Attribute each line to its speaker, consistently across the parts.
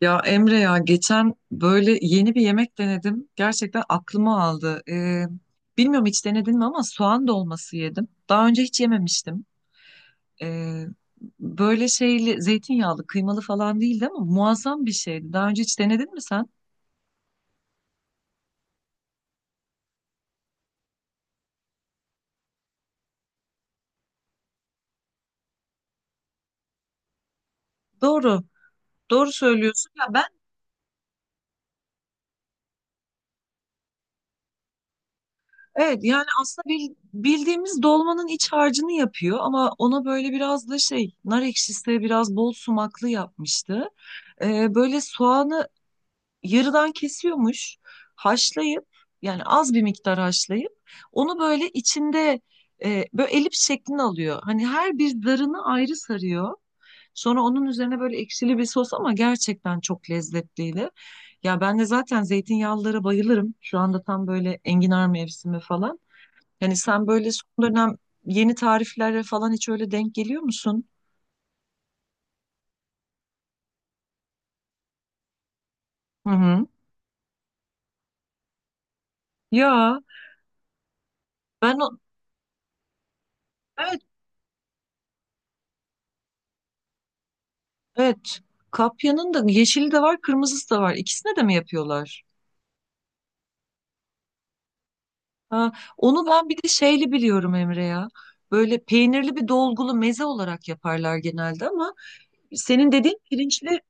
Speaker 1: Ya Emre ya, geçen böyle yeni bir yemek denedim. Gerçekten aklıma aldı. Bilmiyorum, hiç denedin mi, ama soğan dolması yedim. Daha önce hiç yememiştim. Ee, Böyle şeyli, zeytinyağlı, kıymalı falan değildi ama muazzam bir şeydi. Daha önce hiç denedin mi sen? Doğru. Doğru söylüyorsun. Ya ben. Evet, yani aslında bildiğimiz dolmanın iç harcını yapıyor ama ona böyle biraz da şey, nar ekşisi, biraz bol sumaklı yapmıştı. Böyle soğanı yarıdan kesiyormuş, haşlayıp, yani az bir miktar haşlayıp onu böyle içinde, böyle elips şeklini alıyor. Hani her bir zarını ayrı sarıyor. Sonra onun üzerine böyle ekşili bir sos, ama gerçekten çok lezzetliydi. Ya ben de zaten zeytinyağlılara bayılırım. Şu anda tam böyle enginar mevsimi falan. Yani sen böyle son dönem yeni tariflere falan hiç öyle denk geliyor musun? Hı hı. Ya ben o-, evet, evet, kapyanın da yeşili de var, kırmızısı da var. İkisine de mi yapıyorlar? Ha, onu ben bir de şeyli biliyorum Emre ya. Böyle peynirli bir dolgulu meze olarak yaparlar genelde, ama senin dediğin pirinçli,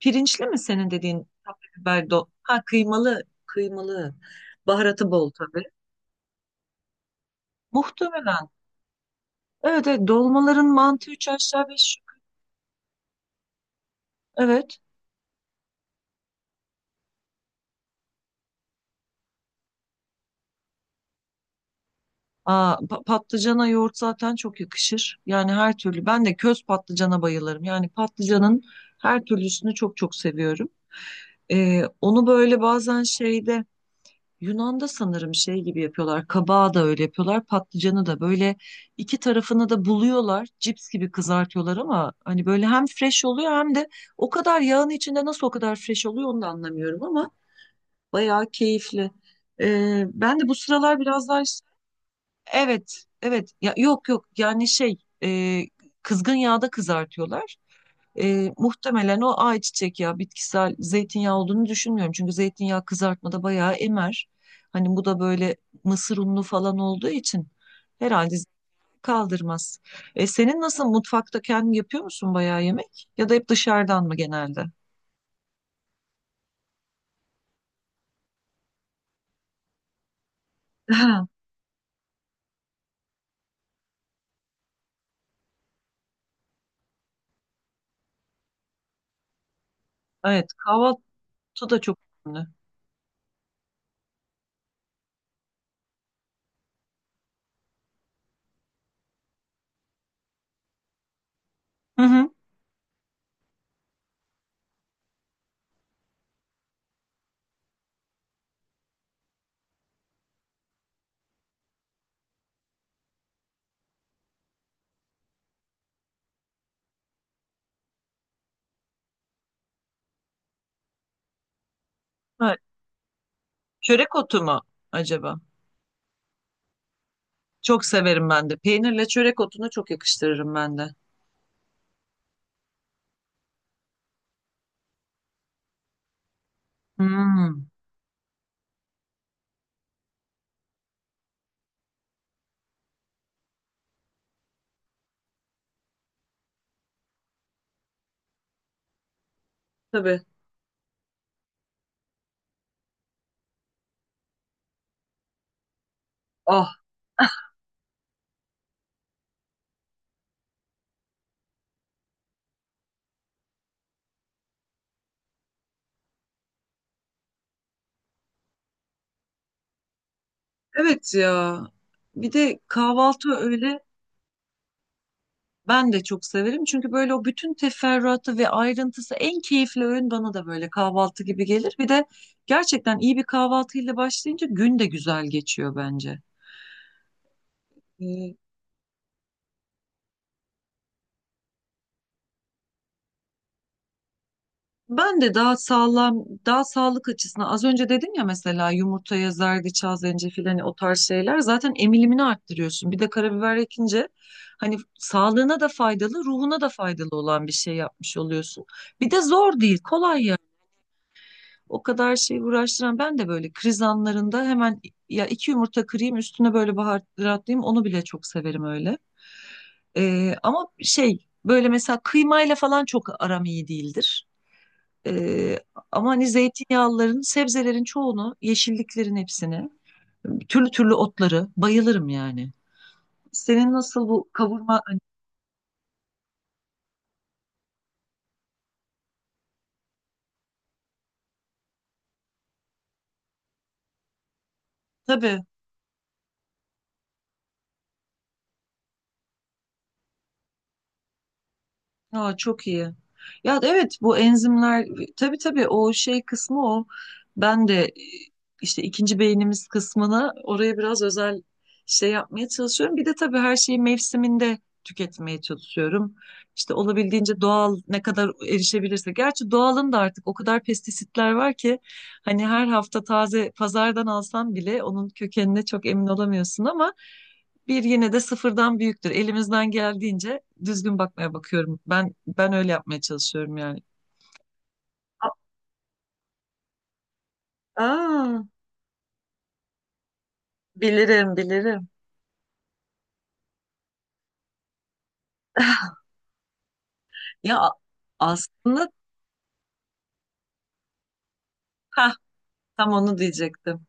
Speaker 1: pirinçli mi senin dediğin kapya biber, ha, kıymalı, kıymalı, baharatı bol tabii. Muhtemelen. Evet, evet, dolmaların mantığı üç aşağı beş yukarı. Evet. Aa, patlıcana yoğurt zaten çok yakışır. Yani her türlü. Ben de köz patlıcana bayılırım. Yani patlıcanın her türlüsünü çok çok seviyorum. Onu böyle bazen şeyde, Yunan'da sanırım şey gibi yapıyorlar. Kabağı da öyle yapıyorlar. Patlıcanı da böyle iki tarafını da buluyorlar. Cips gibi kızartıyorlar ama hani böyle hem fresh oluyor hem de o kadar yağın içinde nasıl o kadar fresh oluyor onu da anlamıyorum, ama bayağı keyifli. Ben de bu sıralar biraz daha. Evet, evet. Ya, yok yok, yani şey, e, kızgın yağda kızartıyorlar. Muhtemelen o ayçiçek yağı, bitkisel. Zeytinyağı olduğunu düşünmüyorum, çünkü zeytinyağı kızartmada bayağı emer. Hani bu da böyle mısır unlu falan olduğu için herhalde kaldırmaz. Senin nasıl, mutfakta kendin yapıyor musun bayağı yemek? Ya da hep dışarıdan mı genelde? Evet, kahvaltı da çok önemli. Hı hı. Evet. Çörek otu mu acaba? Çok severim ben de. Peynirle çörek otunu çok yakıştırırım ben de. Hmm. Tabii. Ah, evet ya. Bir de kahvaltı öyle, ben de çok severim. Çünkü böyle o bütün teferruatı ve ayrıntısı, en keyifli öğün bana da böyle kahvaltı gibi gelir. Bir de gerçekten iyi bir kahvaltıyla başlayınca gün de güzel geçiyor bence. Ee, Ben de daha sağlam, daha sağlık açısından, az önce dedim ya, mesela yumurtaya zerdeçal, zencefil, hani o tarz şeyler zaten emilimini arttırıyorsun. Bir de karabiber ekince hani sağlığına da faydalı, ruhuna da faydalı olan bir şey yapmış oluyorsun. Bir de zor değil, kolay ya. O kadar şey uğraştıran, ben de böyle kriz anlarında hemen, ya iki yumurta kırayım üstüne böyle baharatlayayım, onu bile çok severim öyle. Ama şey, böyle mesela kıymayla falan çok aram iyi değildir. Ee, Ama hani zeytinyağlıların, sebzelerin çoğunu, yeşilliklerin hepsini, türlü türlü otları bayılırım yani. Senin nasıl bu kavurma? Hani, tabii. Aa, çok iyi. Ya evet, bu enzimler, tabii, tabii, o şey kısmı o. Ben de işte ikinci beynimiz kısmını oraya biraz özel şey yapmaya çalışıyorum. Bir de tabii her şeyi mevsiminde tüketmeye çalışıyorum. İşte olabildiğince doğal, ne kadar erişebilirse. Gerçi doğalın da artık o kadar pestisitler var ki hani her hafta taze pazardan alsan bile onun kökenine çok emin olamıyorsun, ama bir yine de sıfırdan büyüktür. Elimizden geldiğince düzgün bakmaya bakıyorum. Ben öyle yapmaya çalışıyorum yani. A- Aa, bilirim, bilirim. Ya a- Aslında, ha, tam onu diyecektim.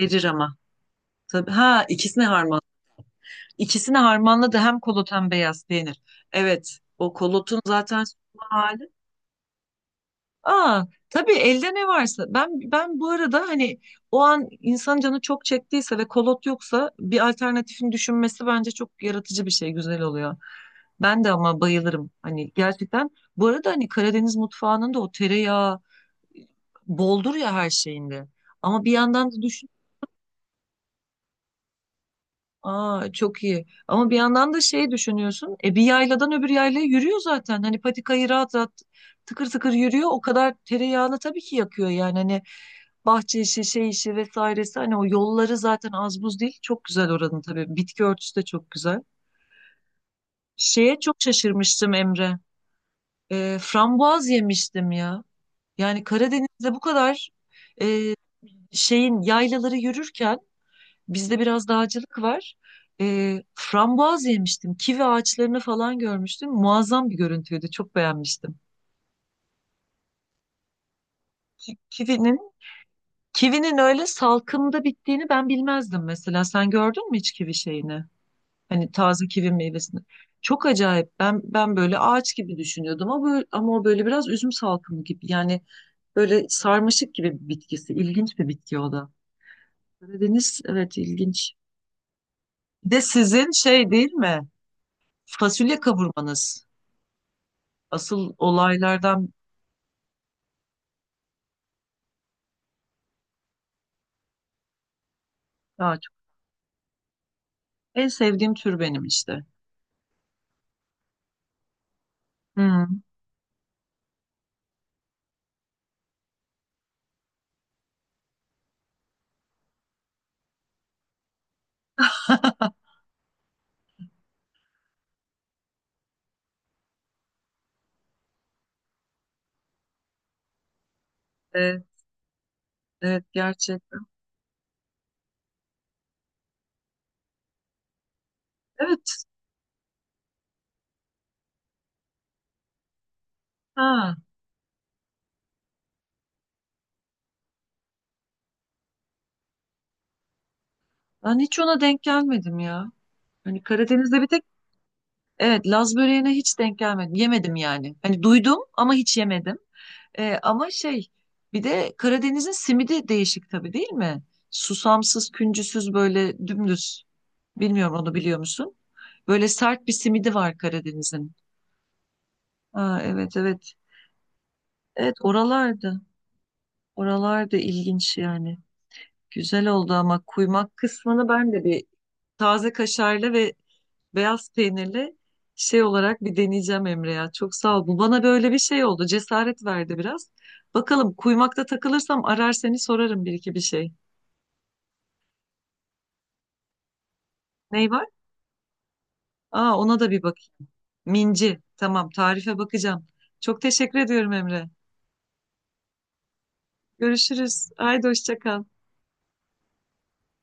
Speaker 1: Verir ama. Tabii, ha, ikisini harman. İkisini harmanladı, hem kolot hem beyaz peynir. Evet. O kolotun zaten son hali. Aa, tabii, elde ne varsa. Ben bu arada hani, o an insan canı çok çektiyse ve kolot yoksa, bir alternatifin düşünmesi bence çok yaratıcı bir şey, güzel oluyor. Ben de ama bayılırım. Hani gerçekten, bu arada hani Karadeniz mutfağının da o tereyağı boldur ya her şeyinde. Ama bir yandan da düşün. Aa, çok iyi. Ama bir yandan da şey düşünüyorsun. Bir yayladan öbür yaylaya yürüyor zaten. Hani patikayı rahat rahat, tıkır tıkır yürüyor. O kadar tereyağını tabii ki yakıyor yani. Hani bahçe işi, şey işi vesairesi. Hani o yolları zaten az buz değil. Çok güzel oranın tabii. Bitki örtüsü de çok güzel. Şeye çok şaşırmıştım Emre. Frambuaz yemiştim ya. Yani Karadeniz'de bu kadar, e, şeyin yaylaları yürürken. Bizde biraz dağcılık var. Frambuaz yemiştim. Kivi ağaçlarını falan görmüştüm. Muazzam bir görüntüydü. Çok beğenmiştim. Ki- Kivinin kivinin öyle salkımda bittiğini ben bilmezdim mesela. Sen gördün mü hiç kivi şeyini? Hani taze kivi meyvesini. Çok acayip. Ben böyle ağaç gibi düşünüyordum ama ama o böyle biraz üzüm salkımı gibi. Yani böyle sarmaşık gibi bir bitkisi. İlginç bir bitki o da. Karadeniz, evet, ilginç. Bir de sizin şey değil mi? Fasulye kavurmanız. Asıl olaylardan daha çok. En sevdiğim tür benim işte. Hmm. Evet, evet, gerçekten. Evet. Ha. Ben hiç ona denk gelmedim ya. Hani Karadeniz'de bir tek, evet, Laz böreğine hiç denk gelmedim. Yemedim yani. Hani duydum ama hiç yemedim. Ama şey, bir de Karadeniz'in simidi değişik, tabii, değil mi? Susamsız, küncüsüz, böyle dümdüz. Bilmiyorum, onu biliyor musun? Böyle sert bir simidi var Karadeniz'in. Ha, evet, evet. Evet, oralarda. Oralar da ilginç yani. Güzel oldu ama kuymak kısmını ben de bir taze kaşarlı ve beyaz peynirli şey olarak bir deneyeceğim Emre ya. Çok sağ ol. Bu bana böyle bir şey oldu. Cesaret verdi biraz. Bakalım, kuymakta takılırsam arar seni, sorarım bir iki bir şey. Ney var? Aa, ona da bir bak. Minci. Tamam, tarife bakacağım. Çok teşekkür ediyorum Emre. Görüşürüz. Haydi, hoşça kal.